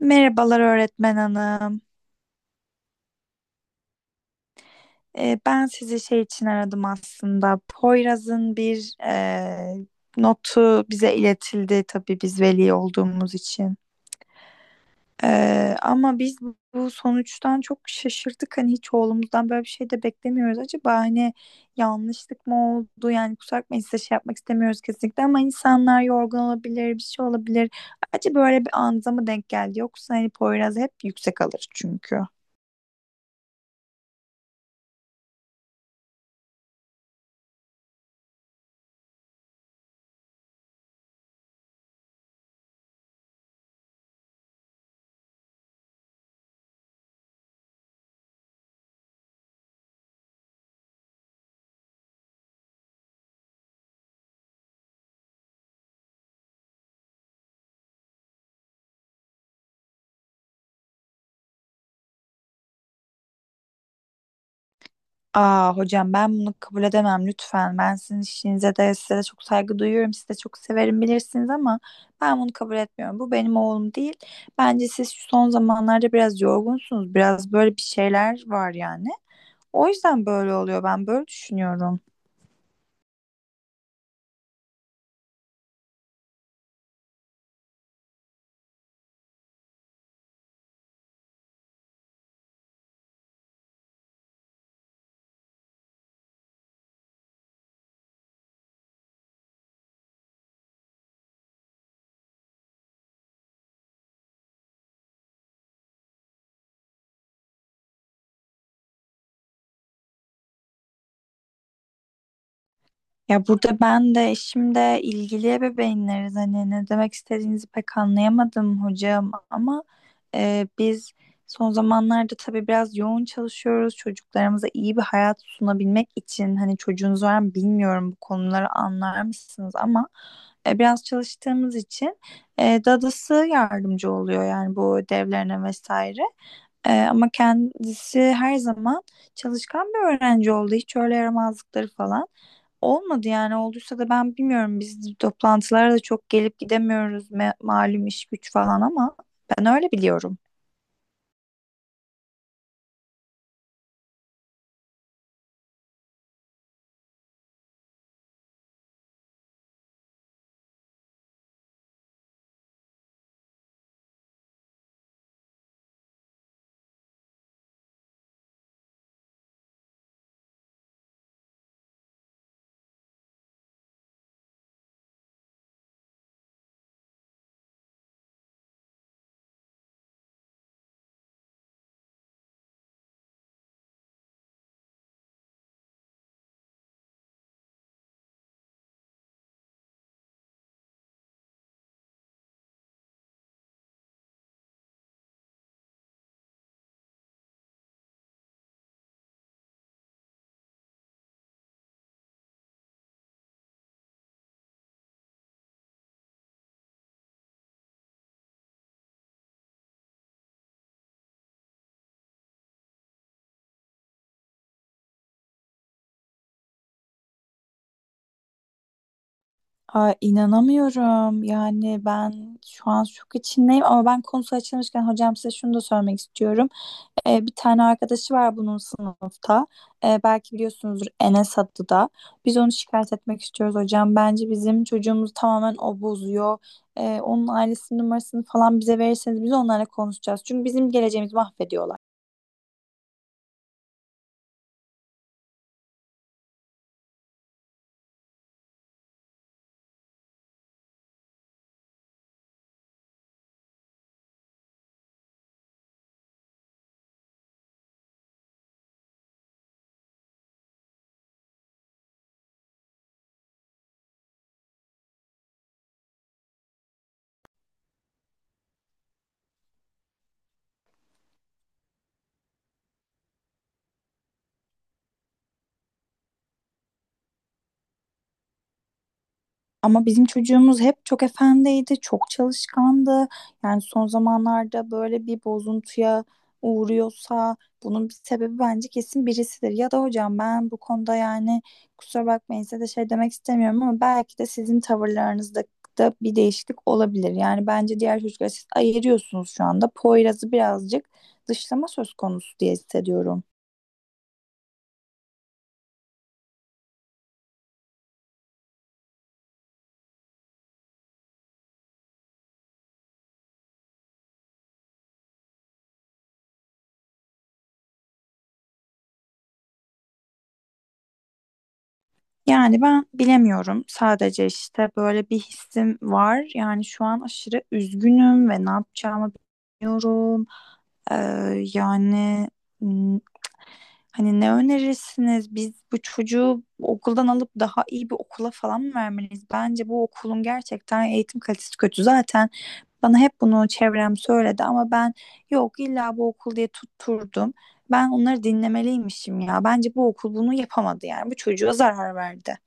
Merhabalar öğretmen hanım. Ben sizi şey için aradım aslında. Poyraz'ın bir notu bize iletildi tabii biz veli olduğumuz için. Ama biz bu sonuçtan çok şaşırdık. Hani hiç oğlumuzdan böyle bir şey de beklemiyoruz. Acaba hani yanlışlık mı oldu? Yani kusura bakmayın size şey yapmak istemiyoruz kesinlikle ama insanlar yorgun olabilir, bir şey olabilir. Acaba böyle bir anıza mı denk geldi? Yoksa hani Poyraz hep yüksek alır çünkü. Aa hocam ben bunu kabul edemem lütfen. Ben sizin işinize de size de çok saygı duyuyorum. Sizi de çok severim bilirsiniz ama ben bunu kabul etmiyorum. Bu benim oğlum değil. Bence siz şu son zamanlarda biraz yorgunsunuz. Biraz böyle bir şeyler var yani. O yüzden böyle oluyor. Ben böyle düşünüyorum. Ya burada ben de eşimde ilgili ebeveynleriz, hani ne demek istediğinizi pek anlayamadım hocam ama biz son zamanlarda tabii biraz yoğun çalışıyoruz çocuklarımıza iyi bir hayat sunabilmek için, hani çocuğunuz var mı bilmiyorum, bu konuları anlar mısınız ama biraz çalıştığımız için dadısı yardımcı oluyor yani bu ödevlerine vesaire. Ama kendisi her zaman çalışkan bir öğrenci oldu, hiç öyle yaramazlıkları falan. Olmadı yani, olduysa da ben bilmiyorum, biz toplantılara da çok gelip gidemiyoruz, malum iş güç falan, ama ben öyle biliyorum. Ay, inanamıyorum. Yani ben şu an şok içindeyim ama ben konusu açılmışken hocam size şunu da söylemek istiyorum. Bir tane arkadaşı var bunun sınıfta. Belki biliyorsunuzdur, Enes adlı da. Biz onu şikayet etmek istiyoruz hocam. Bence bizim çocuğumuzu tamamen o bozuyor. Onun ailesinin numarasını falan bize verirseniz biz onlarla konuşacağız. Çünkü bizim geleceğimizi mahvediyorlar. Ama bizim çocuğumuz hep çok efendiydi, çok çalışkandı. Yani son zamanlarda böyle bir bozuntuya uğruyorsa bunun bir sebebi bence kesin birisidir. Ya da hocam ben bu konuda yani kusura bakmayın size de şey demek istemiyorum ama belki de sizin tavırlarınızda da bir değişiklik olabilir. Yani bence diğer çocuklar, siz ayırıyorsunuz şu anda. Poyraz'ı birazcık dışlama söz konusu diye hissediyorum. Yani ben bilemiyorum. Sadece işte böyle bir hissim var. Yani şu an aşırı üzgünüm ve ne yapacağımı bilmiyorum. Ee, yani m, Hani ne önerirsiniz? Biz bu çocuğu okuldan alıp daha iyi bir okula falan mı vermeliyiz? Bence bu okulun gerçekten eğitim kalitesi kötü. Zaten bana hep bunu çevrem söyledi ama ben yok illa bu okul diye tutturdum. Ben onları dinlemeliymişim ya. Bence bu okul bunu yapamadı yani. Bu çocuğa zarar verdi.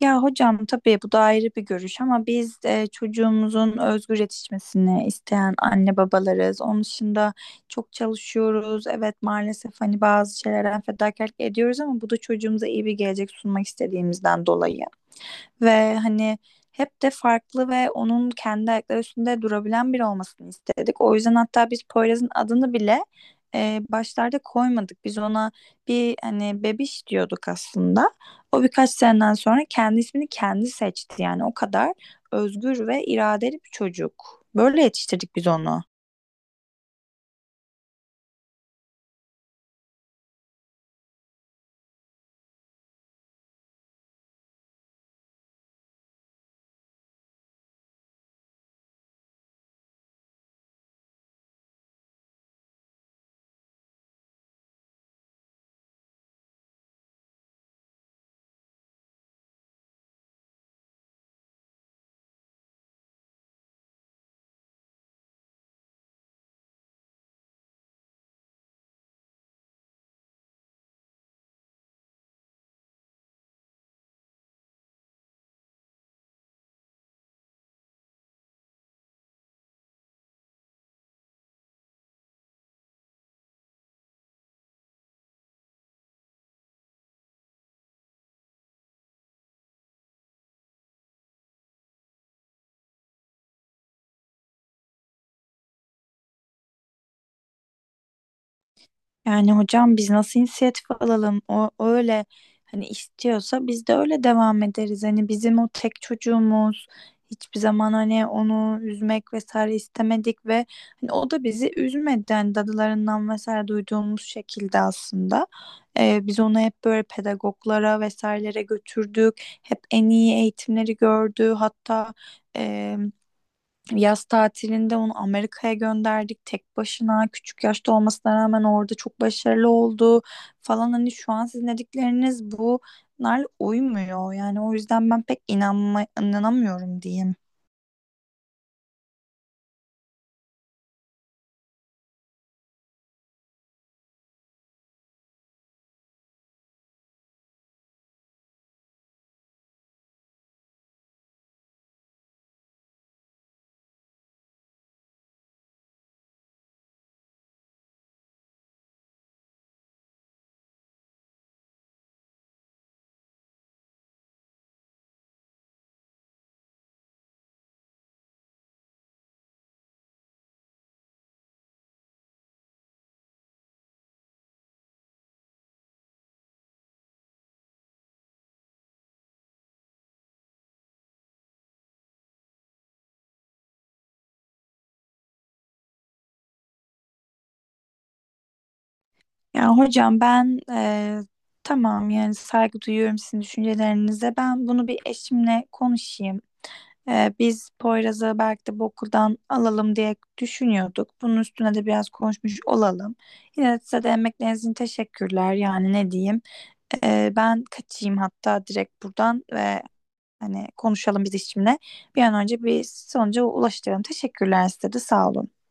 Ya hocam tabii bu da ayrı bir görüş, ama biz çocuğumuzun özgür yetişmesini isteyen anne babalarız. Onun dışında çok çalışıyoruz. Evet maalesef hani bazı şeylerden fedakarlık ediyoruz ama bu da çocuğumuza iyi bir gelecek sunmak istediğimizden dolayı. Ve hani hep de farklı ve onun kendi ayakları üstünde durabilen biri olmasını istedik. O yüzden hatta biz Poyraz'ın adını bile başlarda koymadık. Biz ona bir hani bebiş diyorduk aslında. O birkaç seneden sonra kendi ismini kendi seçti. Yani o kadar özgür ve iradeli bir çocuk. Böyle yetiştirdik biz onu. Yani hocam biz nasıl inisiyatif alalım? O öyle hani istiyorsa biz de öyle devam ederiz. Hani bizim o tek çocuğumuz hiçbir zaman hani onu üzmek vesaire istemedik ve hani o da bizi üzmedi. Yani dadılarından vesaire duyduğumuz şekilde aslında. Biz onu hep böyle pedagoglara vesairelere götürdük. Hep en iyi eğitimleri gördü. Hatta yaz tatilinde onu Amerika'ya gönderdik tek başına. Küçük yaşta olmasına rağmen orada çok başarılı oldu falan. Hani şu an sizin dedikleriniz bunlar uymuyor. Yani o yüzden ben inanamıyorum diyeyim. Yani hocam ben tamam yani saygı duyuyorum sizin düşüncelerinize. Ben bunu bir eşimle konuşayım. Biz Poyraz'ı belki de bu okuldan alalım diye düşünüyorduk. Bunun üstüne de biraz konuşmuş olalım. Yine de size de emekleriniz için teşekkürler. Yani ne diyeyim. Ben kaçayım hatta direkt buradan ve hani konuşalım biz işimle. Bir an önce bir sonuca ulaştıralım. Teşekkürler, size de sağ olun.